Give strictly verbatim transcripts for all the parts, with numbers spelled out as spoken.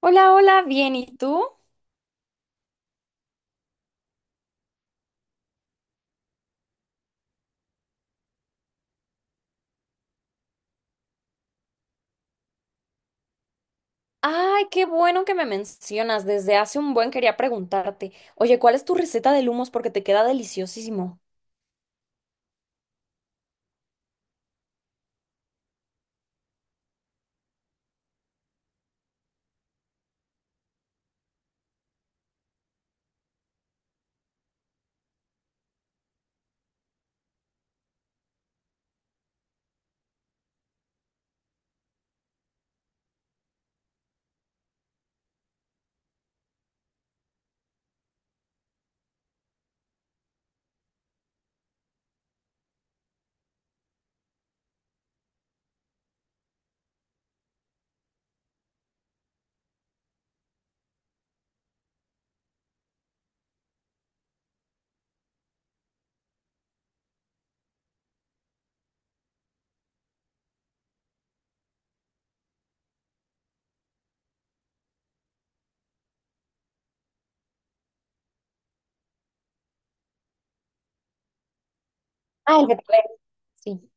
Hola, hola, bien, ¿y tú? Ay, qué bueno que me mencionas. Desde hace un buen quería preguntarte. Oye, ¿cuál es tu receta de humos? Porque te queda deliciosísimo. Ah, el que sí.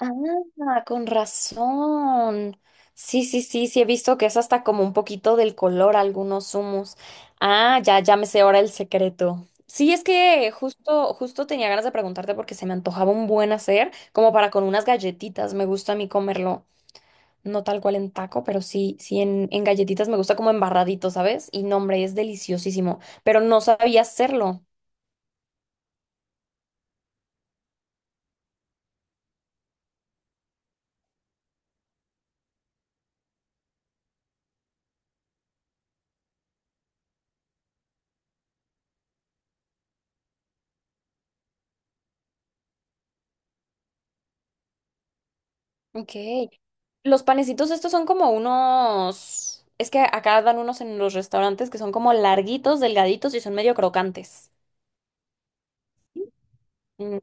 Ah, con razón. Sí, sí, sí, sí, he visto que es hasta como un poquito del color algunos humos. Ah, ya, ya me sé ahora el secreto. Sí, es que justo, justo tenía ganas de preguntarte porque se me antojaba un buen hacer, como para con unas galletitas. Me gusta a mí comerlo. No tal cual en taco, pero sí, sí en, en galletitas me gusta como embarradito, ¿sabes? Y no, hombre, es deliciosísimo, pero no sabía hacerlo. Ok. Los panecitos estos son como unos. Es que acá dan unos en los restaurantes que son como larguitos, delgaditos y son medio crocantes. Mm,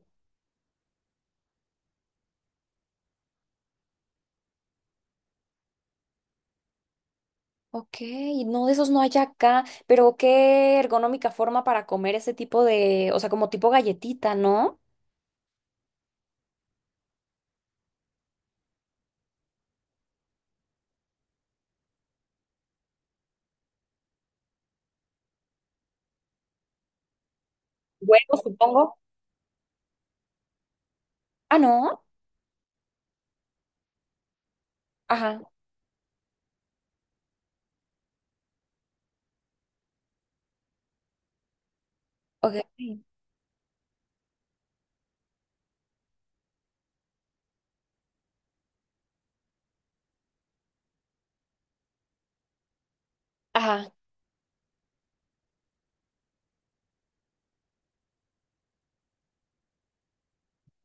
ok, no, de esos no hay acá, pero qué ergonómica forma para comer ese tipo de, o sea, como tipo galletita, ¿no? Huevo, supongo. Ah, no. Ajá, ok. Ajá,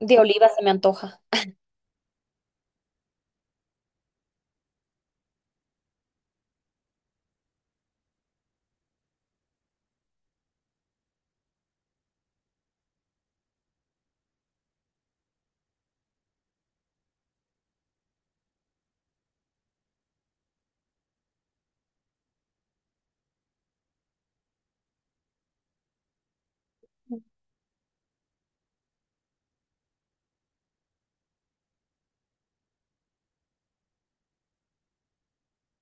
de oliva se me antoja.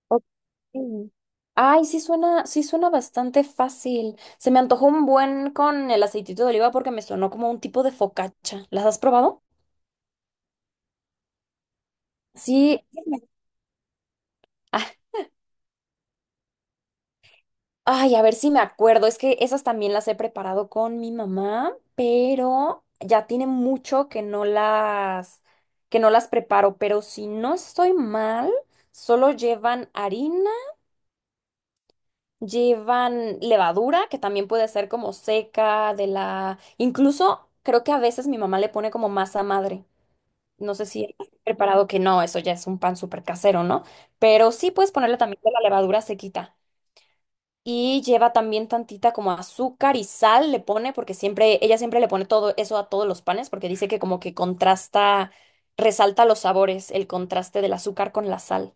Ok. Ay, sí suena, sí suena bastante fácil. Se me antojó un buen con el aceitito de oliva porque me sonó como un tipo de focaccia. ¿Las has probado? Sí. Ah, ay, a ver si me acuerdo. Es que esas también las he preparado con mi mamá, pero ya tiene mucho que no las, que no las preparo. Pero si no estoy mal, solo llevan harina. Llevan levadura, que también puede ser como seca, de la. Incluso creo que a veces mi mamá le pone como masa madre. No sé si has preparado que no, eso ya es un pan súper casero, ¿no? Pero sí puedes ponerle también de la levadura sequita. Y lleva también tantita como azúcar y sal le pone, porque siempre, ella siempre le pone todo eso a todos los panes, porque dice que como que contrasta, resalta los sabores, el contraste del azúcar con la sal.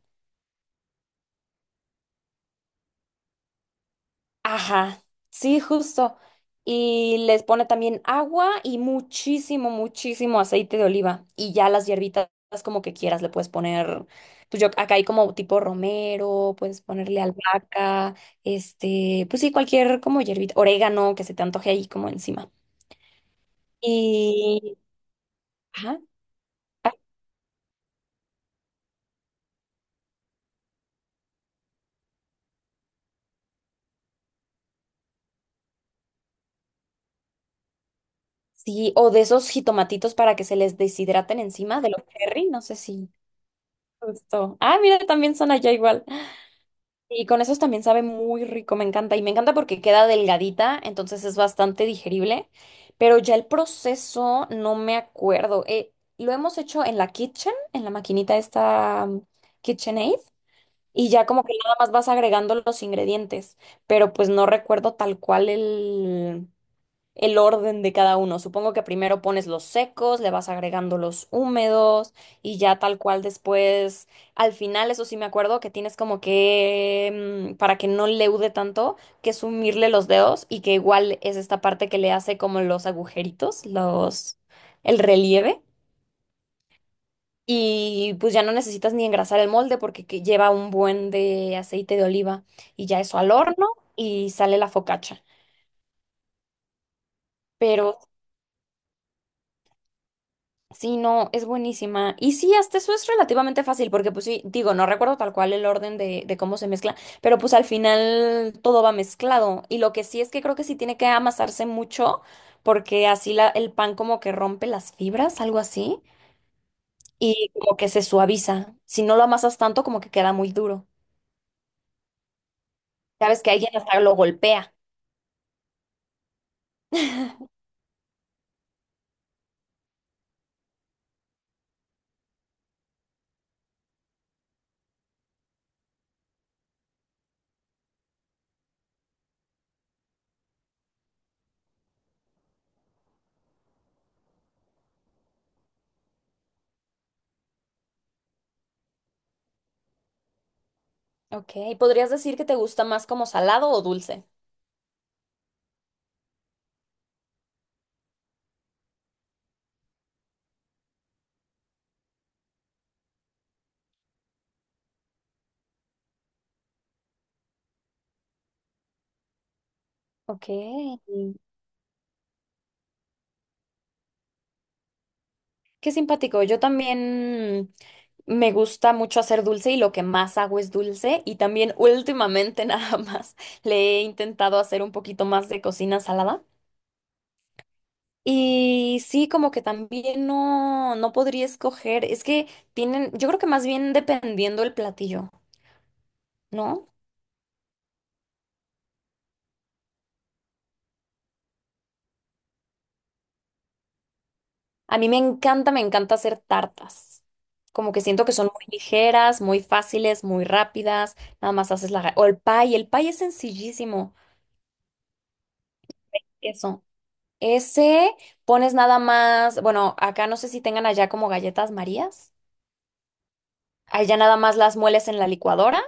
Ajá, sí, justo. Y les pone también agua y muchísimo, muchísimo aceite de oliva. Y ya las hierbitas como que quieras, le puedes poner, pues yo acá hay como tipo romero, puedes ponerle albahaca, este, pues sí, cualquier como hierbita, orégano que se te antoje ahí como encima. Y, ajá, ah, sí, o de esos jitomatitos para que se les deshidraten encima de los cherry, no sé si. Justo. Ah, mira, también son allá igual. Y con esos también sabe muy rico, me encanta. Y me encanta porque queda delgadita, entonces es bastante digerible. Pero ya el proceso no me acuerdo. Eh, lo hemos hecho en la kitchen, en la maquinita esta mm, KitchenAid. Y ya como que nada más vas agregando los ingredientes. Pero pues no recuerdo tal cual el, el orden de cada uno. Supongo que primero pones los secos, le vas agregando los húmedos y ya tal cual después, al final, eso sí me acuerdo que tienes como que, mm, para que no leude tanto, que sumirle los dedos y que igual es esta parte que le hace como los agujeritos, los, el relieve. Y pues ya no necesitas ni engrasar el molde porque que lleva un buen de aceite de oliva y ya eso al horno y sale la focacha. Pero sí, no, es buenísima. Y sí, hasta eso es relativamente fácil, porque pues sí, digo, no recuerdo tal cual el orden de, de cómo se mezcla, pero pues al final todo va mezclado. Y lo que sí es que creo que sí tiene que amasarse mucho, porque así la, el pan como que rompe las fibras, algo así, y como que se suaviza. Si no lo amasas tanto, como que queda muy duro. Sabes que alguien hasta lo golpea. Ok, ¿podrías decir que te gusta más como salado o dulce? Ok. Qué simpático. Yo también me gusta mucho hacer dulce y lo que más hago es dulce. Y también últimamente nada más le he intentado hacer un poquito más de cocina salada. Y sí, como que también no, no podría escoger. Es que tienen, yo creo que más bien dependiendo el platillo, ¿no? A mí me encanta, me encanta hacer tartas. Como que siento que son muy ligeras, muy fáciles, muy rápidas. Nada más haces la... ga- o el pie, el pie es sencillísimo. Eso. Ese pones nada más, bueno, acá no sé si tengan allá como galletas Marías. Allá nada más las mueles en la licuadora,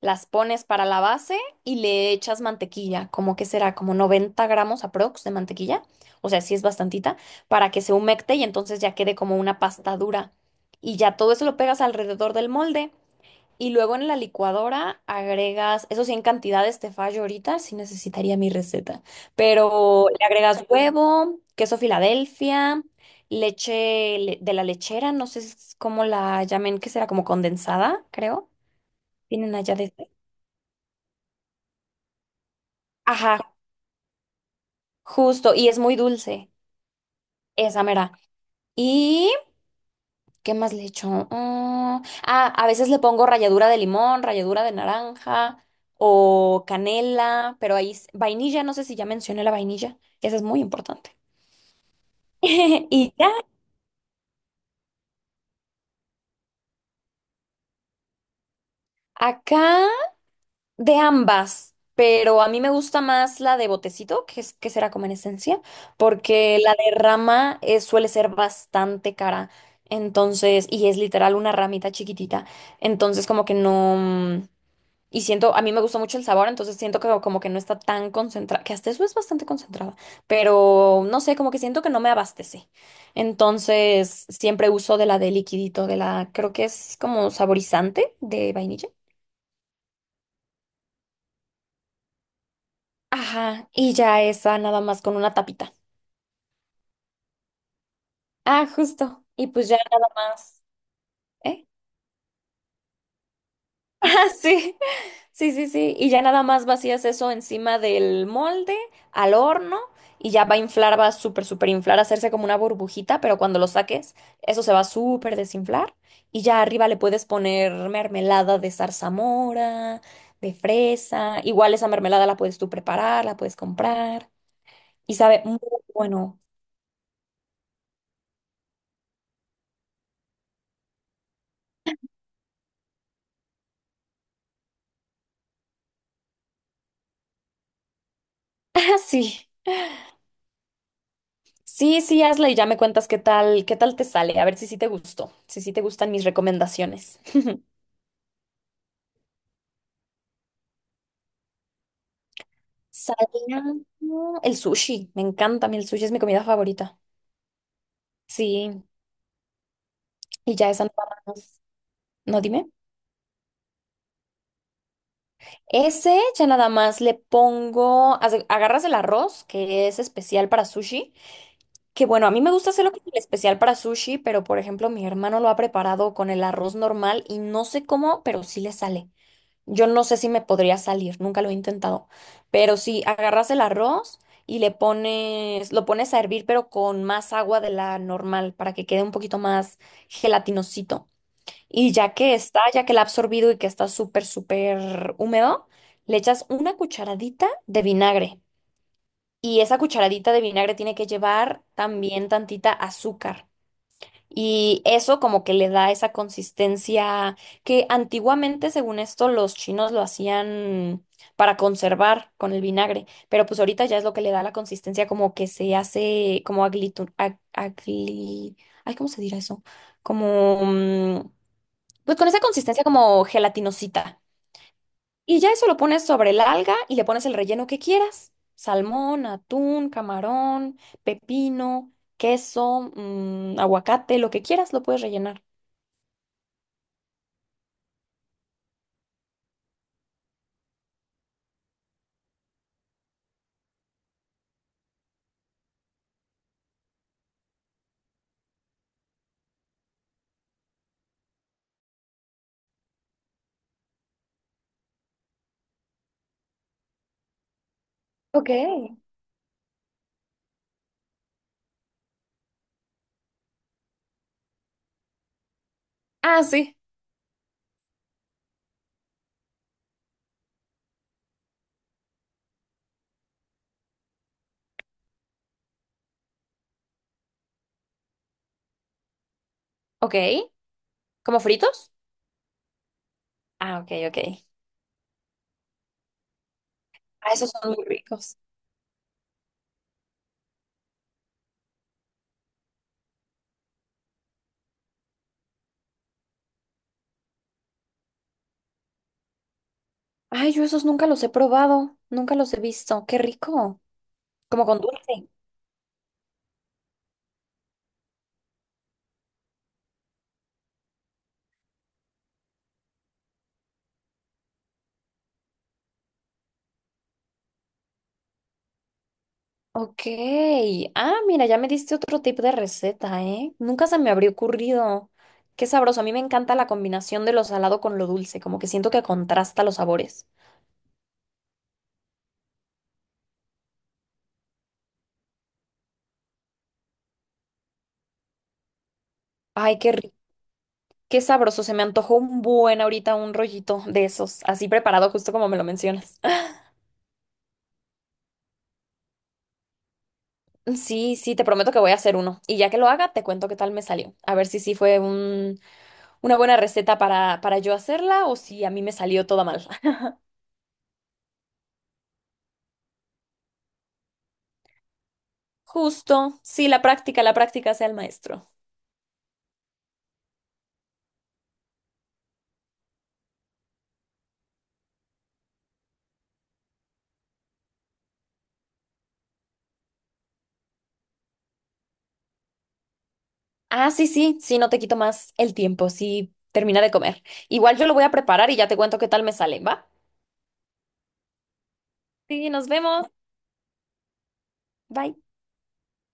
las pones para la base y le echas mantequilla, como que será como noventa gramos aprox de mantequilla, o sea, sí es bastantita, para que se humecte y entonces ya quede como una pasta dura. Y ya todo eso lo pegas alrededor del molde. Y luego en la licuadora agregas, eso sí, en cantidades te fallo ahorita, sí necesitaría mi receta, pero le agregas huevo, queso Filadelfia, leche le- de la lechera, no sé s- cómo la llamen, que será como condensada, creo. Tienen allá de... Ajá, justo, y es muy dulce, esa mera. Y ¿qué más le echo? Mm, ah, a veces le pongo ralladura de limón, ralladura de naranja o canela, pero ahí s- vainilla, no sé si ya mencioné la vainilla, que esa es muy importante. Y ya, acá de ambas, pero a mí me gusta más la de botecito, que es que será como en esencia, porque la de rama eh, suele ser bastante cara. Entonces, y es literal una ramita chiquitita. Entonces, como que no. mm, Y siento, a mí me gustó mucho el sabor, entonces siento que como que no está tan concentrada, que hasta eso es bastante concentrada, pero no sé, como que siento que no me abastece. Entonces siempre uso de la de liquidito, de la, creo que es como saborizante de vainilla. Ajá, y ya esa nada más con una tapita. Ah, justo. Y pues ya nada más. ¿Eh? Sí, sí, sí, sí. Y ya nada más vacías eso encima del molde, al horno, y ya va a inflar, va a súper, súper inflar, hacerse como una burbujita, pero cuando lo saques, eso se va a súper desinflar. Y ya arriba le puedes poner mermelada de zarzamora, de fresa. Igual esa mermelada la puedes tú preparar, la puedes comprar. Y sabe muy bueno. Ah, sí. Sí, sí, hazla y ya me cuentas qué tal, qué tal te sale. A ver si sí te gustó, si sí te gustan mis recomendaciones. Salía el sushi. Me encanta a mí el sushi, es mi comida favorita. Sí, y ya esa nada más. No, dime. Ese ya nada más le pongo, hace- agarras el arroz, que es especial para sushi, que bueno, a mí me gusta hacerlo con el especial para sushi, pero por ejemplo mi hermano lo ha preparado con el arroz normal y no sé cómo, pero sí le sale. Yo no sé si me podría salir, nunca lo he intentado, pero si agarras el arroz y le pones, lo pones a hervir, pero con más agua de la normal para que quede un poquito más gelatinosito. Y ya que está, ya que la ha absorbido y que está súper, súper húmedo, le echas una cucharadita de vinagre. Y esa cucharadita de vinagre tiene que llevar también tantita azúcar. Y eso como que le da esa consistencia que antiguamente, según esto, los chinos lo hacían para conservar con el vinagre, pero pues ahorita ya es lo que le da la consistencia como que se hace como aglitu- ag- agli- ay, ¿cómo se dirá eso? Como, mm, pues con esa consistencia como gelatinosita. Y ya eso lo pones sobre el alga y le pones el relleno que quieras. Salmón, atún, camarón, pepino, queso, mm, aguacate, lo que quieras, lo puedes rellenar. Ok. Ah, sí. Ok. ¿Como fritos? Ah, ok, ok. Ah, esos son muy ricos. Ay, yo esos nunca los he probado. Nunca los he visto. Qué rico. Como con dulce. Ok. Ah, mira, ya me diste otro tipo de receta, ¿eh? Nunca se me habría ocurrido. Qué sabroso. A mí me encanta la combinación de lo salado con lo dulce. Como que siento que contrasta los sabores. Ay, qué rico. Qué sabroso. Se me antojó un buen ahorita un rollito de esos. Así preparado, justo como me lo mencionas. Sí, sí, te prometo que voy a hacer uno. Y ya que lo haga, te cuento qué tal me salió. A ver si sí fue un, una buena receta para, para yo hacerla o si a mí me salió toda mal. Justo, sí, la práctica, la práctica sea el maestro. Ah, sí, sí, sí, no te quito más el tiempo, sí, termina de comer. Igual yo lo voy a preparar y ya te cuento qué tal me sale, ¿va? Sí, nos vemos. Bye.